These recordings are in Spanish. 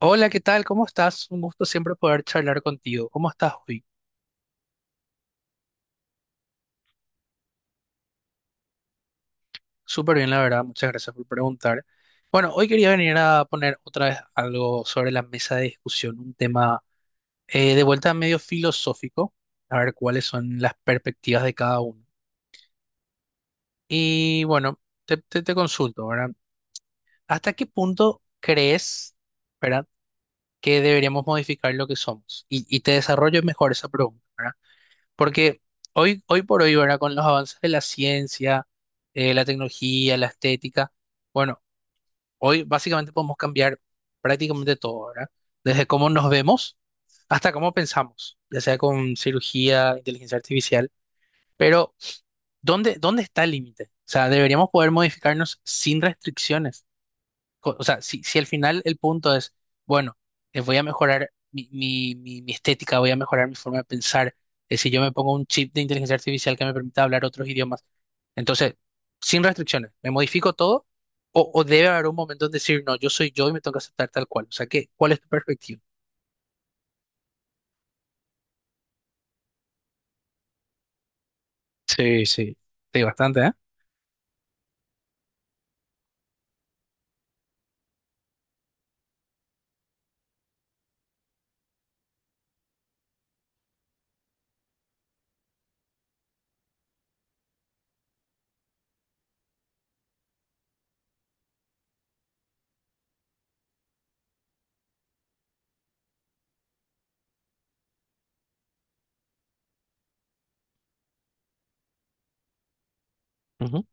Hola, ¿qué tal? ¿Cómo estás? Un gusto siempre poder charlar contigo. ¿Cómo estás hoy? Súper bien, la verdad. Muchas gracias por preguntar. Bueno, hoy quería venir a poner otra vez algo sobre la mesa de discusión, un tema de vuelta medio filosófico, a ver cuáles son las perspectivas de cada uno. Y bueno, te consulto, ¿verdad? ¿Hasta qué punto crees, ¿verdad?, que deberíamos modificar lo que somos? Y te desarrollo mejor esa pregunta, ¿verdad? Porque hoy por hoy, ¿verdad? Con los avances de la ciencia, la tecnología, la estética, bueno, hoy básicamente podemos cambiar prácticamente todo, ¿verdad? Desde cómo nos vemos hasta cómo pensamos, ya sea con cirugía, inteligencia artificial. Pero, ¿dónde está el límite? O sea, deberíamos poder modificarnos sin restricciones o sea, si al final el punto es, bueno, voy a mejorar mi estética, voy a mejorar mi forma de pensar, si yo me pongo un chip de inteligencia artificial que me permita hablar otros idiomas, entonces, sin restricciones, ¿me modifico todo? O debe haber un momento en decir, no, yo soy yo y me tengo que aceptar tal cual. O sea, ¿qué, cuál es tu perspectiva? Sí, sí, sí, bastante, ¿eh? Ujú,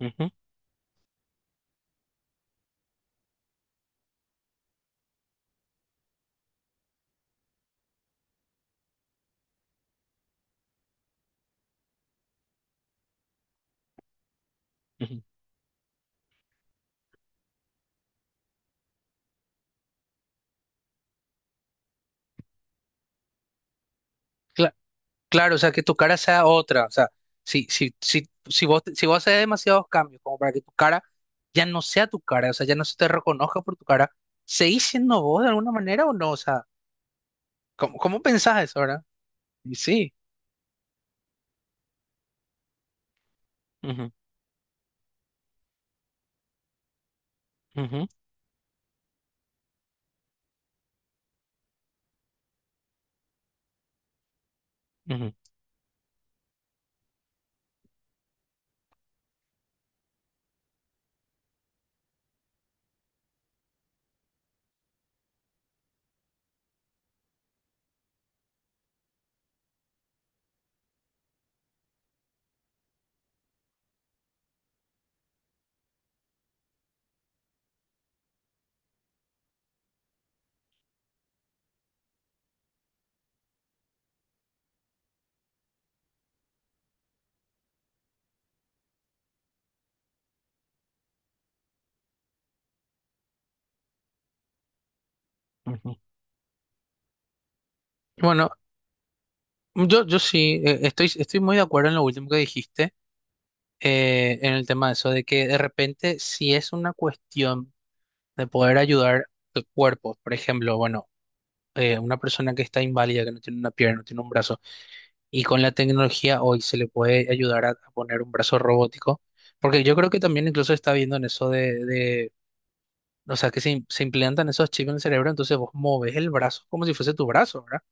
ujú, ujú. Cla- Claro, o sea, que tu cara sea otra. O sea, si vos haces demasiados cambios como para que tu cara ya no sea tu cara, o sea, ya no se te reconozca por tu cara, ¿seguís siendo vos de alguna manera o no? O sea, ¿cómo pensás eso ahora? Y sí. Ujú, ujú, ujú, ujú. Bueno, yo sí, estoy muy de acuerdo en lo último que dijiste, en el tema de eso, de que de repente si es una cuestión de poder ayudar a cuerpos, por ejemplo, bueno. Una persona que está inválida, que no tiene una pierna, no tiene un brazo, y con la tecnología hoy se le puede ayudar a poner un brazo robótico, porque yo creo que también incluso está viendo en eso de o sea, que se, se implantan esos chips en el cerebro, entonces vos moves el brazo como si fuese tu brazo, ¿verdad?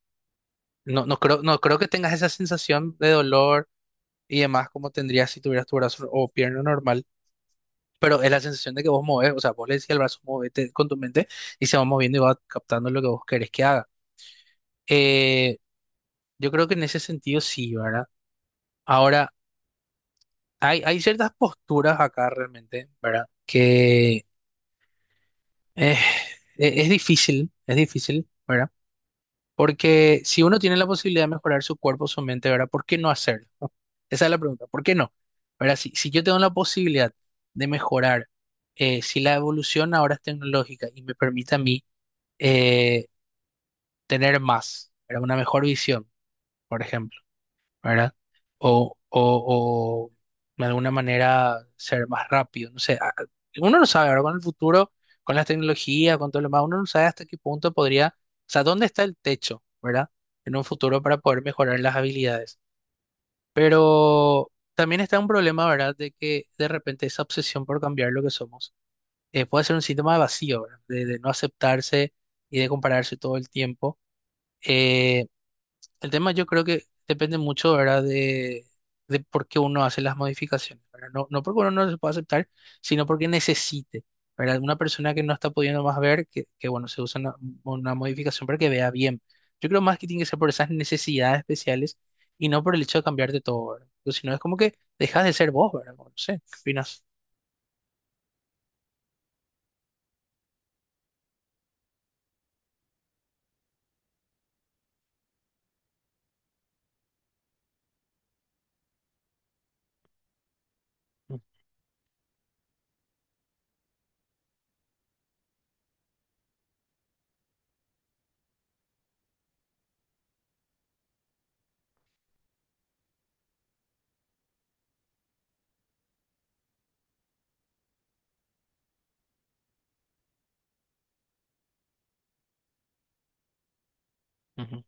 No creo que tengas esa sensación de dolor y demás como tendrías si tuvieras tu brazo o pierna normal. Pero es la sensación de que vos moves, o sea, vos le decís al brazo, movete con tu mente y se va moviendo y va captando lo que vos querés que haga. Eh, Yo creo que en ese sentido sí, ¿verdad? Ahora, hay ciertas posturas acá realmente, ¿verdad? Que eh, es difícil, ¿verdad? Porque si uno tiene la posibilidad de mejorar su cuerpo, su mente, ¿verdad? ¿Por qué no hacerlo? Esa es la pregunta, ¿por qué no? ¿Verdad? Si yo tengo la posibilidad de mejorar, si la evolución ahora es tecnológica y me permite a mí eh, tener más, ¿verdad? Una mejor visión, por ejemplo, ¿verdad? O de alguna manera ser más rápido, no sé, uno no sabe, ¿verdad? Con el futuro, con las tecnologías, con todo lo demás, uno no sabe hasta qué punto podría, o sea, dónde está el techo, ¿verdad? En un futuro para poder mejorar las habilidades. Pero también está un problema, ¿verdad? De que de repente esa obsesión por cambiar lo que somos puede ser un síntoma de vacío, ¿verdad? De no aceptarse y de compararse todo el tiempo. Eh, el tema yo creo que depende mucho, ¿verdad? De por qué uno hace las modificaciones, ¿verdad? No porque uno no se pueda aceptar, sino porque necesite, ¿verdad? Una persona que no está pudiendo más ver, que bueno, se usa una modificación para que vea bien. Yo creo más que tiene que ser por esas necesidades especiales y no por el hecho de cambiarte todo, ¿verdad? Porque si no es como que dejas de ser vos, ¿verdad? Bueno, no sé, ¿qué opinas? Mm, ujú.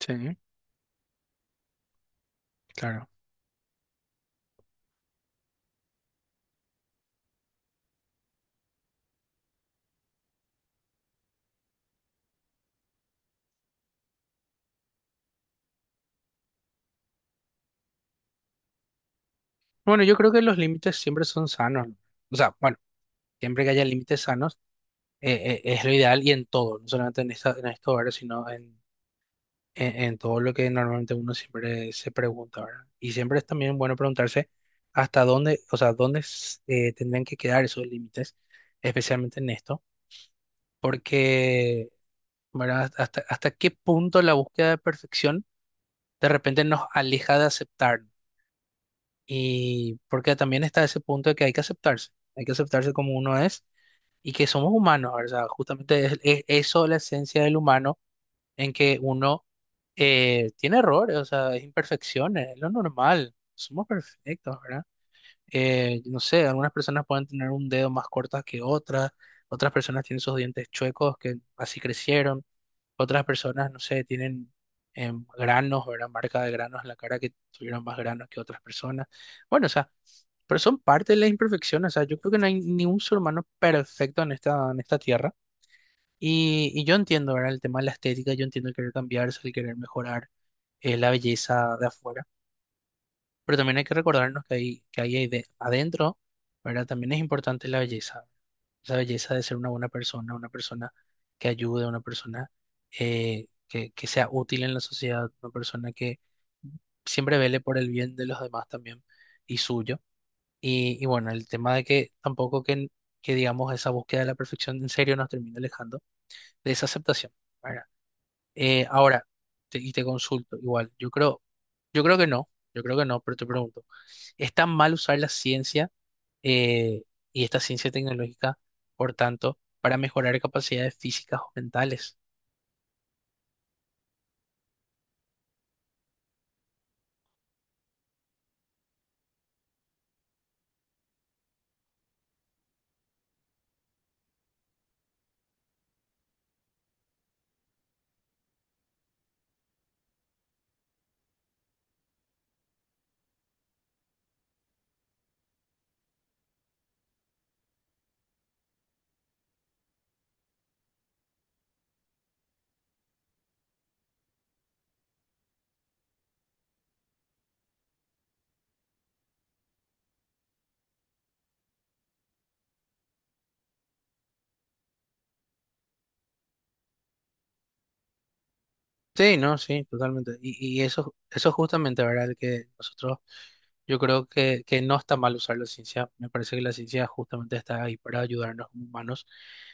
Sí, claro. Bueno, yo creo que los límites siempre son sanos, ¿no? O sea, bueno, siempre que haya límites sanos. Es lo ideal y en todo, no solamente en esta, en estos horarios, sino en todo lo que normalmente uno siempre se pregunta, ¿verdad? Y siempre es también bueno preguntarse hasta dónde, o sea, dónde tendrían que quedar esos límites, especialmente en esto, porque, ¿verdad? Hasta qué punto la búsqueda de perfección de repente nos aleja de aceptar, ¿no? Y porque también está ese punto de que hay que aceptarse como uno es y que somos humanos, ¿verdad? Justamente es eso la esencia del humano en que uno tiene errores, o sea, es imperfecciones, es lo normal, somos perfectos, ¿verdad? No sé, algunas personas pueden tener un dedo más corto que otras, otras personas tienen sus dientes chuecos que así crecieron, otras personas, no sé, tienen granos, ¿verdad? Marca de granos en la cara que tuvieron más granos que otras personas. Bueno, o sea, pero son parte de las imperfecciones, o sea, yo creo que no hay ningún ser humano perfecto en esta tierra. Y yo entiendo, ¿verdad? El tema de la estética, yo entiendo el querer cambiarse, el querer mejorar la belleza de afuera, pero también hay que recordarnos que hay ahí adentro, ¿verdad? También es importante la belleza, esa belleza de ser una buena persona, una persona que ayude, una persona que sea útil en la sociedad, una persona que siempre vele por el bien de los demás también y suyo. Y bueno, el tema de que tampoco que, que digamos esa búsqueda de la perfección en serio nos termine alejando de esa aceptación, ¿verdad? Ahora, y te consulto, igual, yo creo que no, yo creo que no, pero te pregunto, ¿es tan mal usar la ciencia eh, y esta ciencia tecnológica, por tanto, para mejorar capacidades físicas o mentales? Sí, no, sí, totalmente. Y eso, eso justamente, ¿verdad? Que nosotros Yo creo que no está mal usar la ciencia. Me parece que la ciencia justamente está ahí para ayudarnos como humanos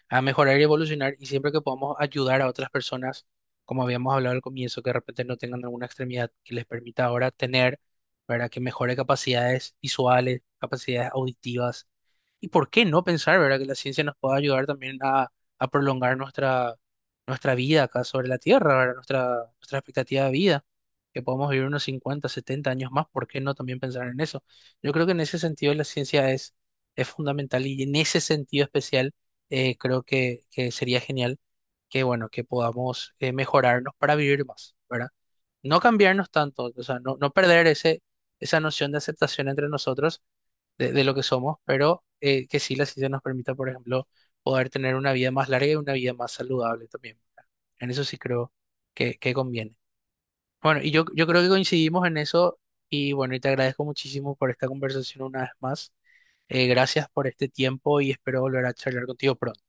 a mejorar y evolucionar. Y siempre que podamos ayudar a otras personas, como habíamos hablado al comienzo, que de repente no tengan alguna extremidad que les permita ahora tener, para que mejore capacidades visuales, capacidades auditivas. ¿Y por qué no pensar, verdad, que la ciencia nos pueda ayudar también a prolongar nuestra, nuestra vida acá sobre la Tierra, ¿verdad? Nuestra, nuestra expectativa de vida? Que podamos vivir unos 50 o 70 años más, ¿por qué no también pensar en eso? Yo creo que en ese sentido la ciencia es fundamental y en ese sentido especial creo que sería genial que, bueno, que podamos mejorarnos para vivir más, ¿verdad? No cambiarnos tanto, o sea, no perder ese, esa noción de aceptación entre nosotros de lo que somos, pero que sí la ciencia nos permita, por ejemplo, poder tener una vida más larga y una vida más saludable también, ¿verdad? En eso sí creo que conviene. Bueno, y yo creo que coincidimos en eso y bueno, y te agradezco muchísimo por esta conversación una vez más. Gracias por este tiempo y espero volver a charlar contigo pronto.